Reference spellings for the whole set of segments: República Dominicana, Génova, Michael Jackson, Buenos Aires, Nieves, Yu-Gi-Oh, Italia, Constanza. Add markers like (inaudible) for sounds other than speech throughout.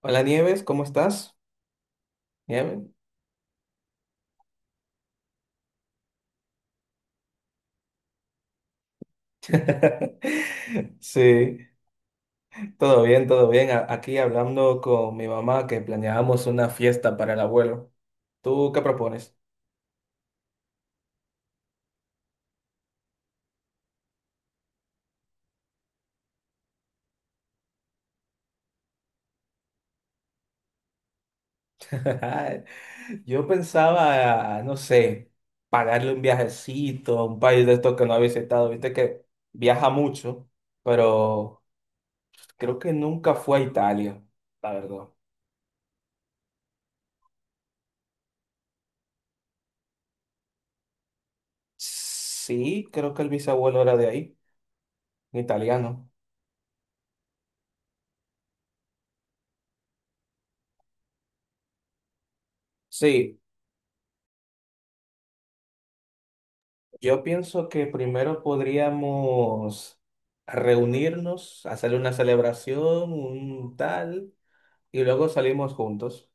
Hola Nieves, ¿cómo estás? Nieves. (laughs) Sí, todo bien, todo bien. Aquí hablando con mi mamá que planeábamos una fiesta para el abuelo. ¿Tú qué propones? (laughs) Yo pensaba, no sé, pagarle un viajecito a un país de estos que no ha visitado. Viste que viaja mucho, pero creo que nunca fue a Italia, la verdad. Sí, creo que el bisabuelo era de ahí, un italiano. Sí, yo pienso que primero podríamos reunirnos, hacer una celebración, un tal, y luego salimos juntos.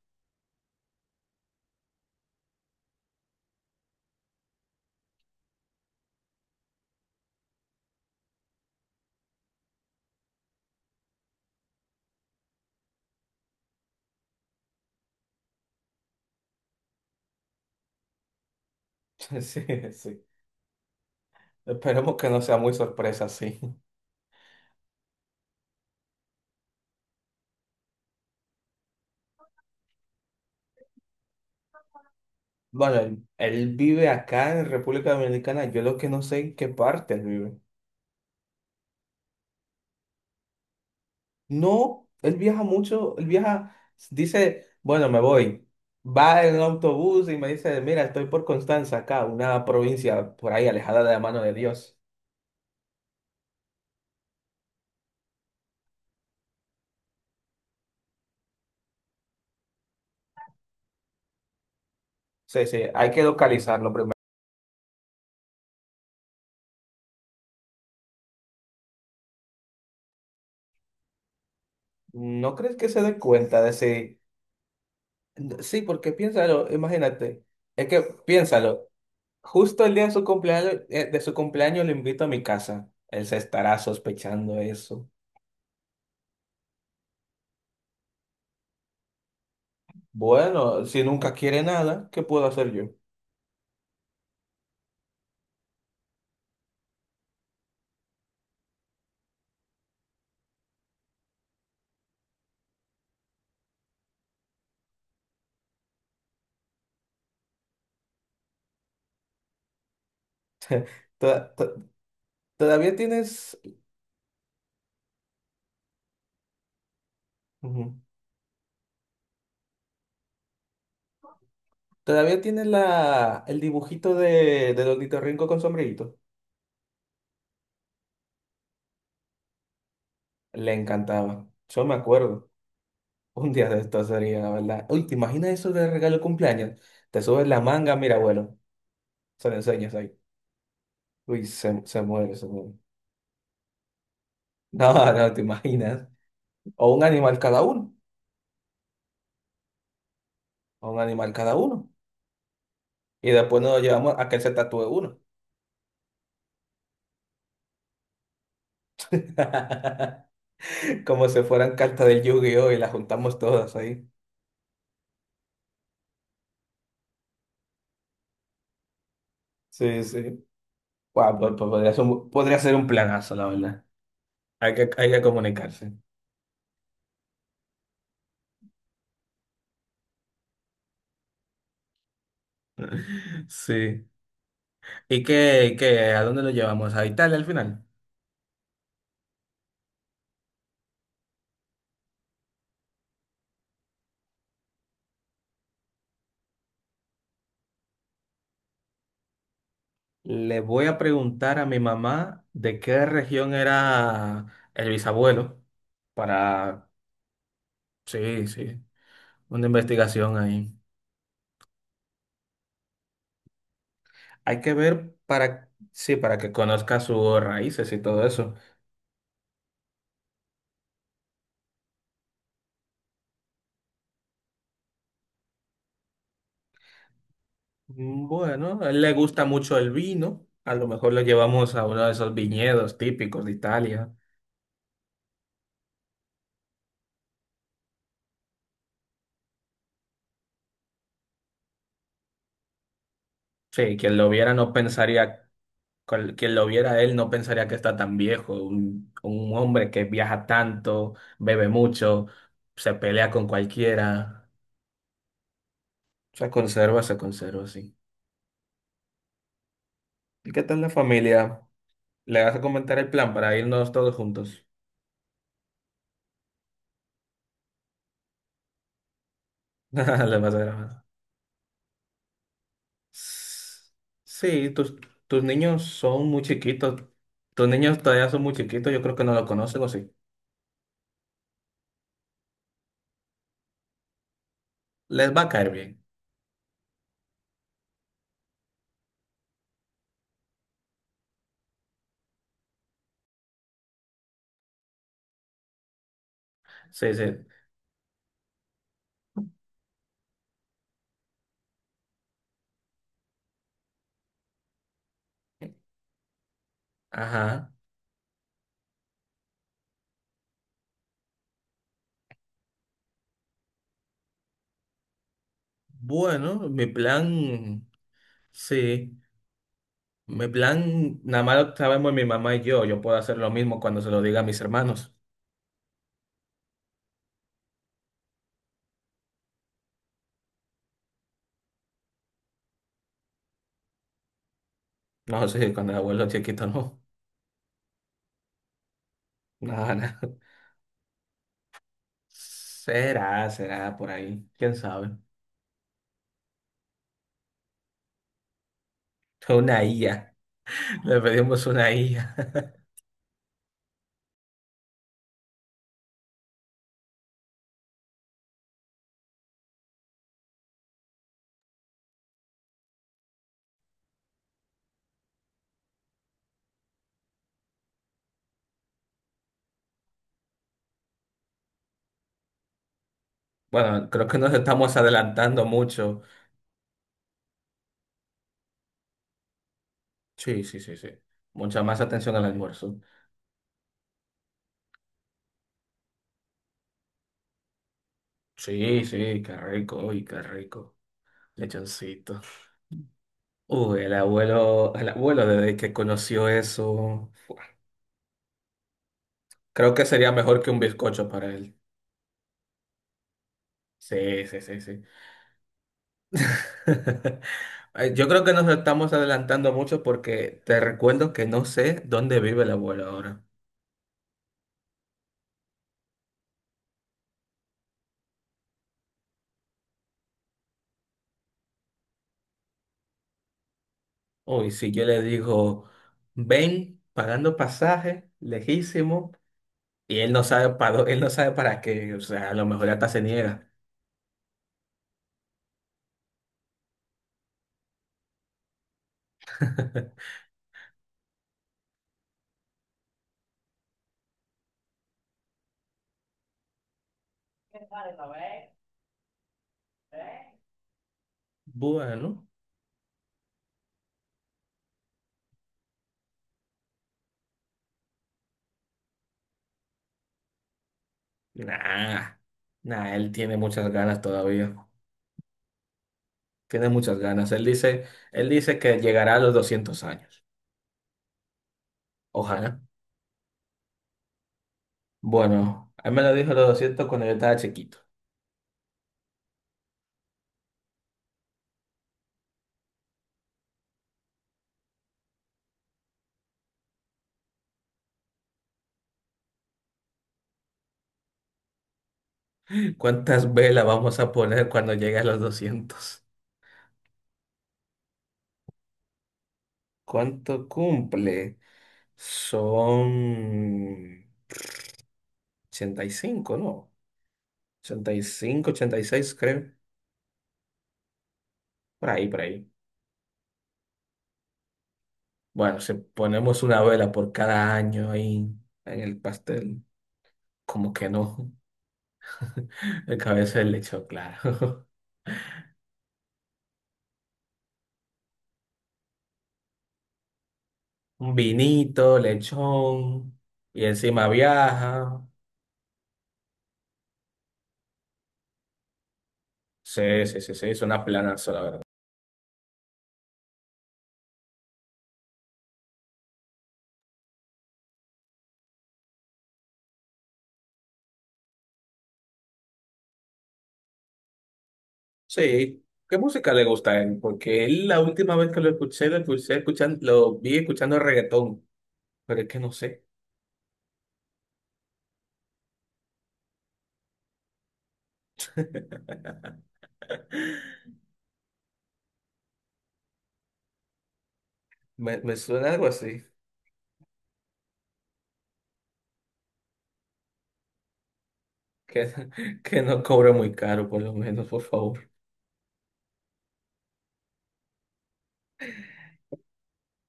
(laughs) Sí, sí. Esperemos que no sea muy sorpresa, sí. Bueno, él vive acá en República Dominicana. Yo lo que no sé en qué parte él vive. No, él viaja mucho. Él viaja, dice, bueno, me voy. Va en autobús y me dice, mira, estoy por Constanza acá, una provincia por ahí alejada de la mano de Dios. Sí, sí, hay que localizarlo primero. ¿No crees que se dé cuenta de si... Sí, porque piénsalo, imagínate. Es que piénsalo. Justo el día de su cumpleaños lo invito a mi casa. Él se estará sospechando eso. Bueno, si nunca quiere nada, ¿qué puedo hacer yo? Toda- to- Todavía tienes... Ujú. Todavía tienes la, el dibujito de, del ornitorrinco con sombrerito. Le encantaba. Yo me acuerdo. Un día de esto sería, la verdad. Uy, ¿te imaginas eso de regalo de cumpleaños? Te subes la manga, mira, abuelo, se lo enseñas ahí. Uy, se muere, se muere. (laughs) No, no, ¿te imaginas? O un animal cada uno, o un animal cada uno. Y después nos lo llevamos a que él se tatúe uno. (laughs) Como si fueran cartas del Yu-Gi-Oh! Y las juntamos todas ahí. Sí, sí. Guau, podría ser un planazo, la verdad. Hay que comunicarse. Sí. ¿Y qué? ¿A dónde lo llevamos? ¿A Italia al final? Le voy a preguntar a mi mamá de qué región era el bisabuelo para, sí, sí, una investigación ahí. Hay que ver para, sí, para que conozca sus raíces y todo eso. Bueno, a él le gusta mucho el vino. A lo mejor lo llevamos a uno de esos viñedos típicos de Italia. Sí, quien lo viera no pensaría quien lo viera a él no pensaría que está tan viejo. Un hombre que viaja tanto, bebe mucho, se pelea con cualquiera, se conserva, sí. ¿Y qué tal la familia? ¿Le vas a comentar el plan para irnos todos juntos? (laughs) Le vas a grabar. S- Sí, tus niños son muy chiquitos. Tus niños todavía son muy chiquitos, yo creo que no lo conocen o sí. Les va a caer bien. Sí, sí. Ajá. Bueno, mi plan, sí. En plan, nada más lo sabemos mi mamá y yo. Yo puedo hacer lo mismo cuando se lo diga a mis hermanos. No sé, cuando el abuelo chiquito no. (laughs) Nada, nada. Será, será por ahí. ¿Quién sabe? Una IA. (laughs) Le pedimos una IA. Bueno, creo que nos estamos adelantando mucho. Sí, sí, sí, sí. Mucha más atención al almuerzo. Sí, sí, qué rico, uy, qué rico. Lechoncito. Uy, el abuelo desde que conoció eso, creo que sería mejor que un bizcocho para él. Sí, sí, sí, sí. (laughs) Yo creo que nos estamos adelantando mucho porque te recuerdo que no sé dónde vive el abuelo ahora. Uy, si yo le digo, ven pagando pasaje, lejísimo, y él no sabe para qué, o sea, a lo mejor hasta se niega. (laughs) Bueno, nah, nah, él tiene muchas ganas todavía. Tiene muchas ganas. Él dice que llegará a los 200 años. Ojalá. Bueno, él me lo dijo a los 200 cuando yo estaba chiquito. ¿Cuántas velas vamos a poner cuando llegue a los 200? ¿Cuánto cumple? Son 85, ¿no? 85, 86, creo. Por ahí, por ahí. Bueno, si ponemos una vela por cada año ahí en el pastel, como que no. (laughs) El cabeza del lechón, claro. (laughs) Un vinito, lechón, y encima viaja. Sí, sí, sí, sí, es una planazo, la verdad. Sí, ¿qué música le gusta a él? Porque él, la última vez que lo escuché escuchando, lo vi escuchando reggaetón, pero es que no sé, me suena algo así, que, (laughs) que no cobra muy caro, por lo menos, por favor.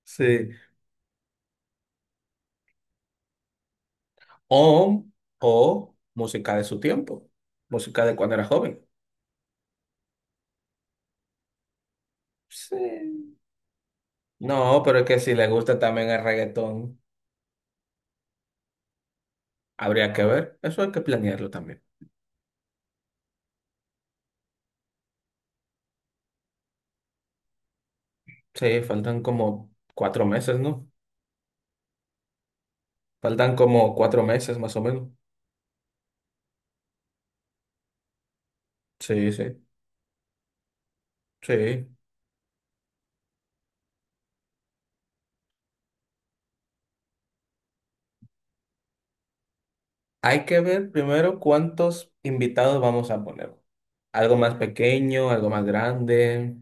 Sí, o, o música de su tiempo, música de cuando era joven. Sí. No, pero es que si le gusta también el reggaetón, habría que ver, eso hay que planearlo también. Sí, faltan como 4 meses, ¿no? Faltan como cuatro meses más o menos. Sí, sí. Sí. Hay que ver primero cuántos invitados vamos a poner. Algo más pequeño, algo más grande,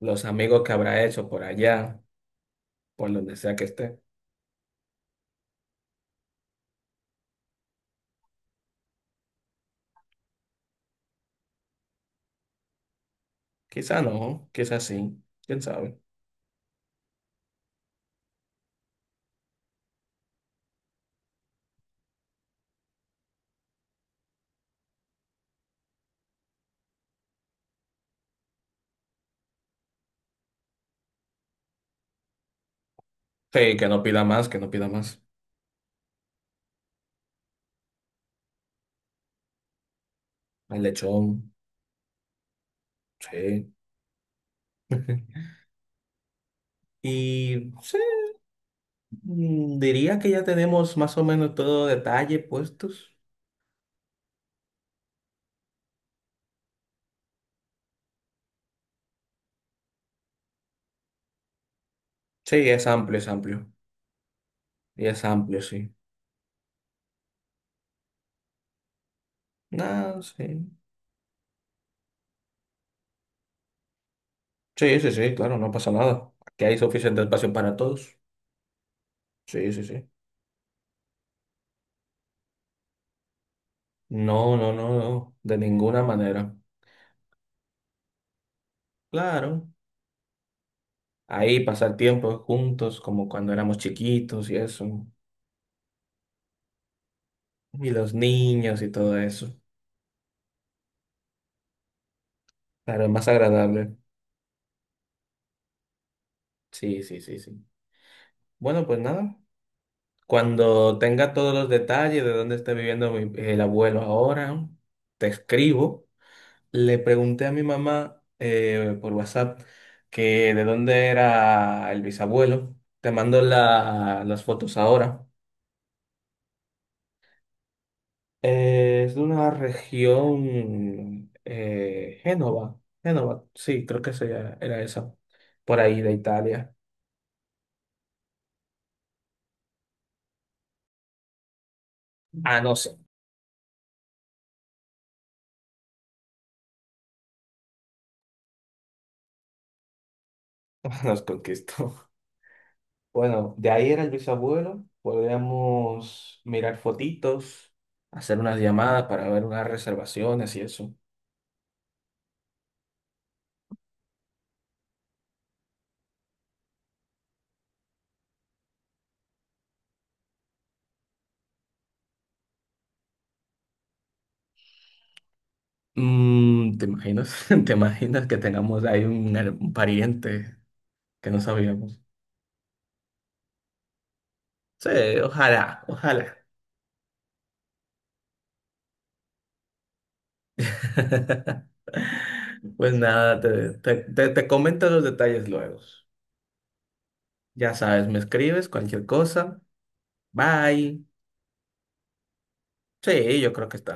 los amigos que habrá hecho por allá, por donde sea que esté. Quizá no, quizá sí, quién sabe. Sí, que no pida más, que no pida más. El lechón, sí. (laughs) Y sí, diría que ya tenemos más o menos todo detalle puestos. Sí, es amplio, es amplio. Y es amplio, sí. No, sí. Sí, sí, sí, claro, no pasa nada. Aquí hay suficiente espacio para todos. Sí, sí, sí. No, no, no, no, de ninguna manera. Claro, ahí pasar tiempo juntos como cuando éramos chiquitos y eso. Y los niños y todo eso. Claro, es más agradable. Sí, sí, sí, sí. Bueno, pues nada. Cuando tenga todos los detalles de dónde está viviendo el abuelo ahora, te escribo. Le pregunté a mi mamá por WhatsApp que de dónde era el bisabuelo. Te mando las fotos ahora. Es de una región, Génova. Génova, sí, creo que era esa. Por ahí de Italia. Ah, no sé. (laughs) Nos conquistó. Bueno, de ahí era el bisabuelo. Podríamos mirar fotitos, hacer unas llamadas para ver unas reservaciones y eso. Mm, ¿te imaginas? (laughs) ¿Te imaginas que tengamos ahí un, un pariente que no sabíamos? Sí, ojalá, ojalá. (laughs) Pues nada, te comento los detalles luego. Ya sabes, me escribes cualquier cosa. Bye. Sí, yo creo que está.